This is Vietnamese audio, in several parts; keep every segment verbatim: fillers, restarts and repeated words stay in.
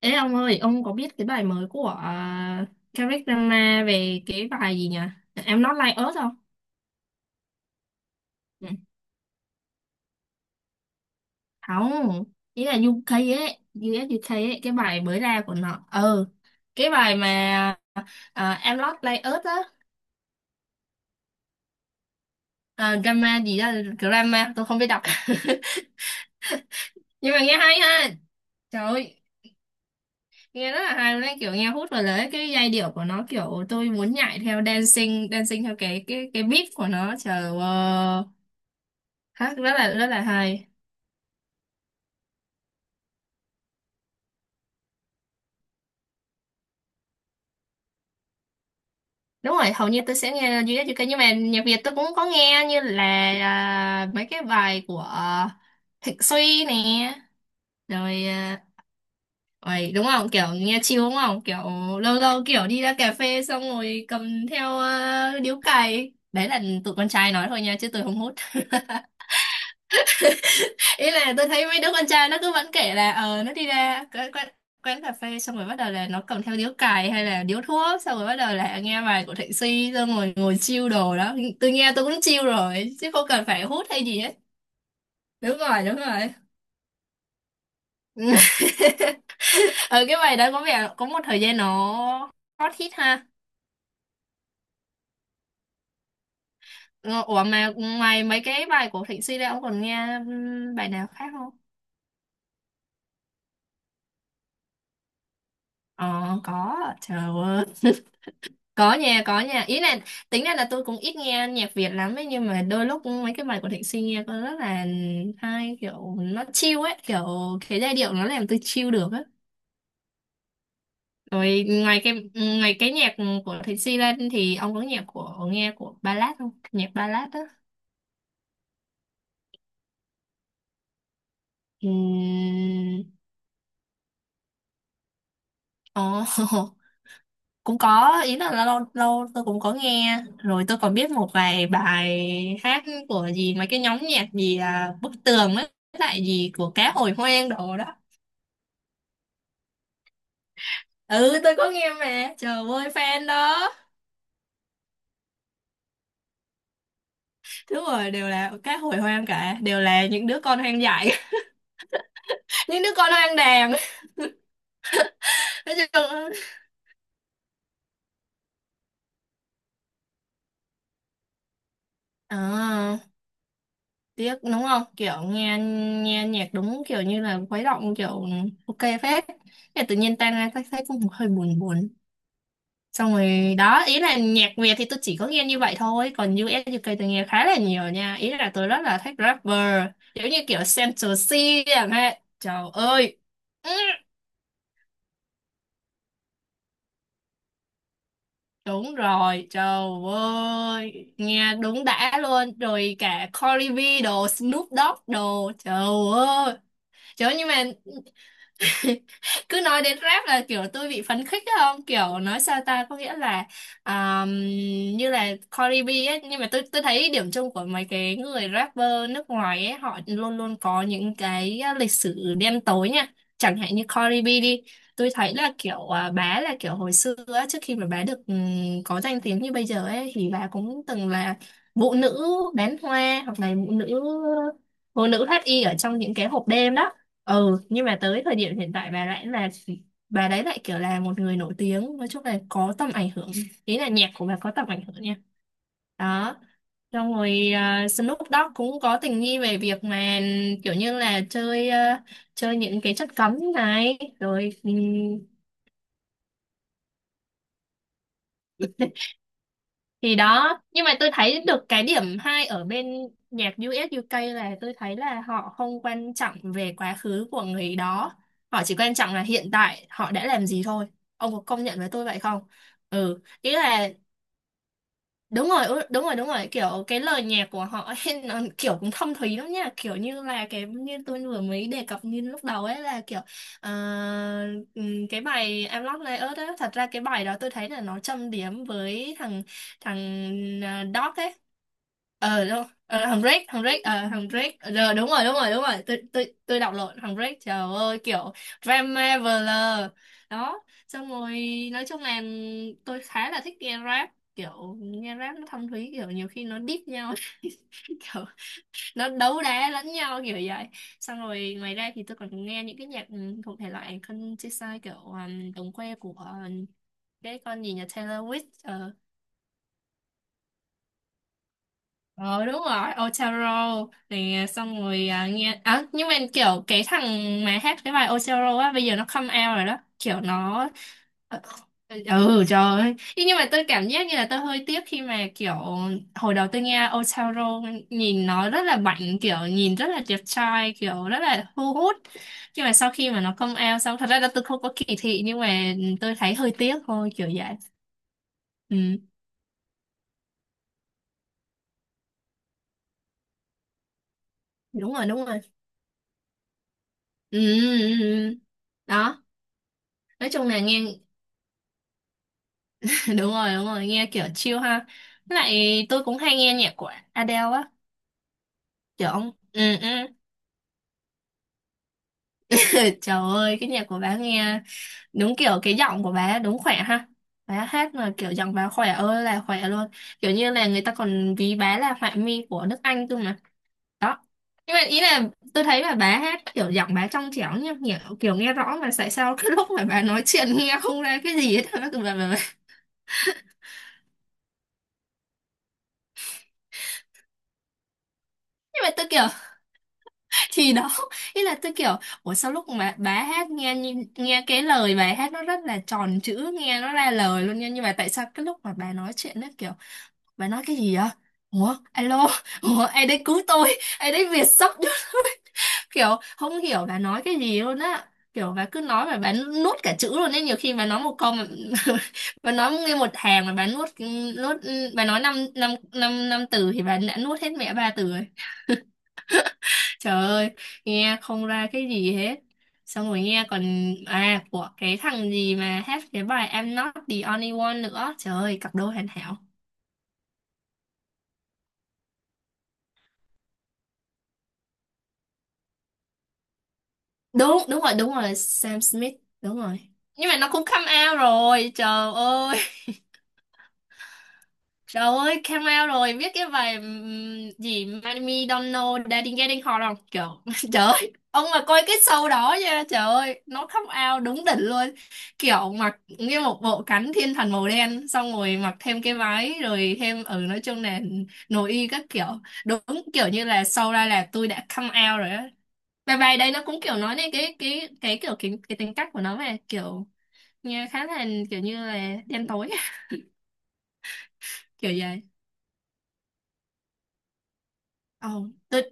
Ê ông ơi, ông có biết cái bài mới của uh, Kendrick Lamar về cái bài gì nhỉ? Em Not Like Us không? Ừ. Không, ý là U UK ấy, U ét U UK ấy, cái bài mới ra của nó. Ừ, cái bài mà uh, Em Not Like Us á, à, drama gì đó, drama, tôi không biết đọc. Nhưng mà nghe hay ha, trời ơi, nghe rất là hay luôn đấy, kiểu nghe hút vào đấy cái giai điệu của nó kiểu tôi muốn nhảy theo dancing, dancing theo cái cái cái beat của nó, trời ơi, hát rất là rất là hay. Đúng rồi, hầu như tôi sẽ nghe duy nhất ca, nhưng mà nhạc Việt tôi cũng có nghe như là à, mấy cái bài của à, Thịnh Suy nè, rồi à, rồi đúng không, kiểu nghe chill đúng không, kiểu lâu lâu kiểu đi ra cà phê xong rồi cầm theo à, điếu cày. Đấy là tụi con trai nói thôi nha, chứ tôi không hút. Ý là tôi thấy mấy đứa con trai nó cứ vẫn kể là ờ nó đi ra cái quán, quán cà phê xong rồi bắt đầu là nó cầm theo điếu cày hay là điếu thuốc, xong rồi bắt đầu là nghe bài của Thịnh Suy, xong rồi ngồi chill đồ đó. Tôi nghe tôi cũng chill rồi chứ không cần phải hút hay gì hết. Đúng rồi, đúng rồi. Ờ cái bài đó có vẻ có một thời gian nó hot hit ha. Ờ, ủa mà ngoài mấy cái bài của Thịnh Suy ra, ông còn nghe ừm, bài nào khác không? Ờ có, trời ơi, có nha, có nha, ý là tính ra là tôi cũng ít nghe nhạc Việt lắm ấy, nhưng mà đôi lúc mấy cái bài của Thịnh Suy nghe có rất là hay, kiểu nó chill ấy, kiểu cái giai điệu nó làm tôi chill được á. Rồi ngoài cái ngoài cái nhạc của Thịnh Suy ra thì ông có nhạc của nghe của ballad không, nhạc ballad á? Ừm. Ồ cũng có, ý là lâu lâu tôi cũng có nghe, rồi tôi còn biết một vài bài hát của gì mấy cái nhóm nhạc gì à, Bức Tường với lại gì của Cá Hồi Hoang đồ đó. Ừ tôi có nghe mà, trời ơi, fan đó. Đúng rồi, đều là Cá Hồi Hoang cả, đều là những đứa con hoang dại. Những đứa con hoang đàn. Nói chung à, tiếc đúng không, kiểu nghe nghe nhạc đúng kiểu như là khuấy động, kiểu ừ, ok phết. Thế tự nhiên tan ra thấy thấy cũng hơi buồn buồn. Xong rồi đó, ý là nhạc Việt thì tôi chỉ có nghe như vậy thôi, còn u ét u kây tôi nghe khá là nhiều nha, ý là tôi rất là thích rapper giống như kiểu Central C chẳng hạn, trời ơi. Ừ, đúng rồi, trời ơi nghe đúng đã luôn, rồi cả Cardi B đồ, Snoop Dogg đồ, trời ơi, trời ơi, nhưng mà cứ nói đến rap là kiểu tôi bị phấn khích á, không kiểu nói sao ta, có nghĩa là um, như là Cardi B ấy, nhưng mà tôi tôi thấy điểm chung của mấy cái người rapper nước ngoài ấy, họ luôn luôn có những cái lịch sử đen tối nha. Chẳng hạn như Cardi B đi, tôi thấy là kiểu à, bà là kiểu hồi xưa á, trước khi mà bà được ừm, có danh tiếng như bây giờ ấy, thì bà cũng từng là vụ nữ bán hoa, hoặc là vụ nữ phụ nữ thoát y ở trong những cái hộp đêm đó. Ừ, nhưng mà tới thời điểm hiện tại bà lại là bà đấy lại kiểu là một người nổi tiếng, nói chung là có tầm ảnh hưởng, ý là nhạc của bà có tầm ảnh hưởng nha. Đó, xong rồi à, Snoop Dogg cũng có tình nghi về việc mà kiểu như là chơi à, chơi những cái chất cấm này rồi ừ, thì đó. Nhưng mà tôi thấy được cái điểm hay ở bên nhạc u ét u kây là tôi thấy là họ không quan trọng về quá khứ của người đó, họ chỉ quan trọng là hiện tại họ đã làm gì thôi. Ông có công nhận với tôi vậy không? Ừ, ý là đúng rồi, ừ, đúng rồi đúng rồi, kiểu cái lời nhạc của họ ấy, nó kiểu cũng thâm thúy lắm nha, kiểu như là cái như tôi vừa mới đề cập như lúc đầu ấy, là kiểu ờ, ừm, cái bài Em Love Like Earth ấy, thật ra cái bài đó tôi thấy là nó châm điểm với thằng thằng uh, Dog ấy. Ờ đúng ờ, thằng Drake thằng Drake ờ thằng Drake ờ, đúng rồi đúng rồi đúng rồi, tôi tôi tôi đọc lộn thằng Drake, trời ơi kiểu Drama Veler đó. Xong rồi nói chung là tôi khá là thích nghe rap, kiểu nghe rap nó thâm thúy, kiểu nhiều khi nó diss nhau kiểu nó đấu đá lẫn nhau kiểu vậy. Xong rồi ngoài ra thì tôi còn nghe những cái nhạc ừ, thuộc thể loại countryside, kiểu um, đồng quê của ờ, cái con gì nhà Taylor Swift ờ, ờ đúng rồi, Otero thì à, xong rồi à, nghe à, nhưng mà kiểu cái thằng mà hát cái bài Otero á, bây giờ nó come out rồi đó, kiểu nó ờ, ừ trời ơi. Thế nhưng mà tôi cảm giác như là tôi hơi tiếc khi mà kiểu hồi đầu tôi nghe Otero nhìn nó rất là bảnh, kiểu nhìn rất là đẹp trai, kiểu rất là thu hút. Nhưng mà sau khi mà nó come out xong, thật ra là tôi không có kỳ thị, nhưng mà tôi thấy hơi tiếc thôi kiểu vậy. Ừ, đúng rồi, đúng rồi. Ừ, ừ, ừ. ừ. Đó nói chung là nghe đúng rồi đúng rồi, nghe kiểu chill ha. Với lại tôi cũng hay nghe nhạc của Adele á, kiểu ông ừ, ừ. Trời ơi cái nhạc của bà nghe đúng kiểu cái giọng của bà đúng khỏe ha, bà hát mà kiểu giọng bà khỏe ơi là khỏe luôn, kiểu như là người ta còn ví bà là họa mi của nước Anh cơ mà. Đó, nhưng mà ý là tôi thấy là bà hát kiểu giọng bà trong trẻo nhá, kiểu, kiểu nghe rõ, mà tại sao cái lúc mà bà nói chuyện nghe không ra cái gì hết, bà, bà, bà. Nhưng mà tôi kiểu thì đó, ý là tôi kiểu ủa sao lúc mà bà hát nghe như- nghe cái lời bài hát nó rất là tròn chữ, nghe nó ra lời luôn nha, nhưng mà tại sao cái lúc mà bà nói chuyện nó kiểu bà nói cái gì vậy, ủa alo, ủa ai đấy cứu tôi, ai đấy Việt sắp kiểu không hiểu bà nói cái gì luôn á, kiểu bà cứ nói mà bà nuốt cả chữ luôn ấy, nhiều khi bà nói một câu mà bà nói nghe một hàng mà bà nuốt nuốt bà nói năm năm năm năm từ thì bà đã nuốt hết mẹ ba từ. Trời ơi, nghe không ra cái gì hết. Xong rồi nghe còn à của cái thằng gì mà hát cái bài I'm Not the Only One nữa. Trời ơi, cặp đôi hoàn hảo. Đúng, đúng rồi, đúng rồi, Sam Smith, đúng rồi. Nhưng mà nó cũng come out rồi, trời ơi. Trời ơi, Camel rồi, biết cái bài ừm, gì Miami Don't Know Daddy Getting Hot không? Trời, trời ơi, ông mà coi cái show đó nha, trời ơi, nó khóc ao đúng đỉnh luôn. Kiểu mặc như một bộ cánh thiên thần màu đen, xong rồi mặc thêm cái váy, rồi thêm, ừ, nói chung là nội y các kiểu. Đúng kiểu như là show ra là tôi đã come out rồi á. Bài bài đây nó cũng kiểu nói đến cái cái cái kiểu cái, cái tính cách của nó mà kiểu nghe khá là kiểu như là đen tối kiểu vậy. Ồ, tôi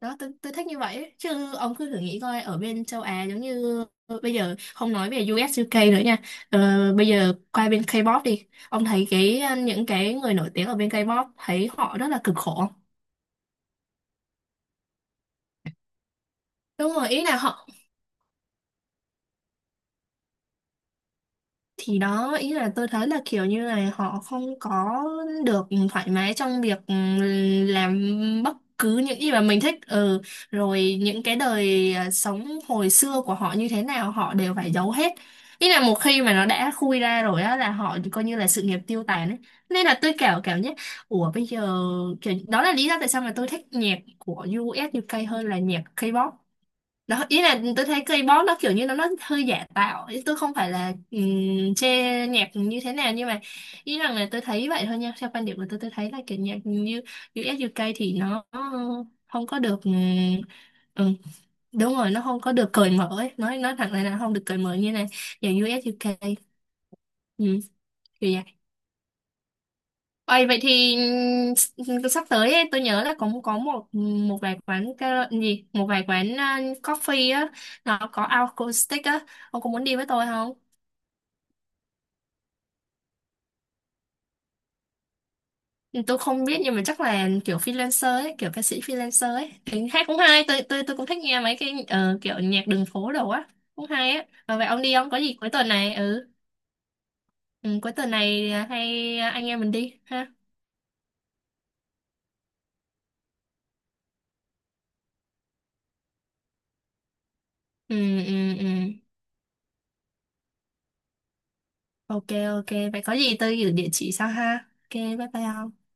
đó tôi, tôi thích như vậy ấy. Chứ ông cứ thử nghĩ coi ở bên châu Á giống như bây giờ không nói về u ét u kây nữa nha, ờ, bây giờ qua bên K-pop đi, ông thấy cái ờ, những cái người nổi tiếng ở bên K-pop thấy họ rất là cực khổ không? Đúng rồi, ý là họ thì đó, ý là tôi thấy là kiểu như là họ không có được thoải mái trong việc ừ, làm bất cứ những gì mà mình thích, ừ rồi những cái đời à, sống hồi xưa của họ như thế nào họ đều phải giấu hết, ý là một khi mà nó đã khui ra rồi á là họ coi như là sự nghiệp tiêu tàn ấy, nên là tôi kiểu cảm giác ủa bây giờ kiểu đó là lý do tại sao mà tôi thích nhạc của u US u kây hơn là nhạc K-pop. Đó, ý là tôi thấy K-pop nó kiểu như nó nó hơi giả tạo ý, tôi không phải là um, chê nhạc như thế nào, nhưng mà ý rằng là tôi thấy vậy thôi nha, theo quan điểm của tôi tôi thấy là kiểu nhạc như u ét u kây thì nó không có được ừm, ừ, đúng rồi nó không có được cởi mở ấy. nói nói thẳng là nó không được cởi mở như này nhạc u ét u kây ừ, kiểu vậy. Ôi, vậy thì ừm, sắp tới ấy, tôi nhớ là có có một một vài quán kara- gì một vài quán uh, coffee á, nó có acoustic á, ông có muốn đi với tôi không? Ừ, tôi không biết nhưng mà chắc là kiểu freelancer ấy, kiểu ca sĩ freelancer ấy. Tính hát cũng hay, tôi tôi tôi cũng thích nghe mấy cái ờ, kiểu nhạc đường phố đồ á, cũng hay á. Ờ, vậy ông đi không? Có gì cuối tuần này ừ, ừ cuối tuần này à, hay à, anh em mình đi ha. Ừ ừ ừ. Ok ok, vậy có gì tôi gửi địa chỉ sau ha. Ok, bye bye ông.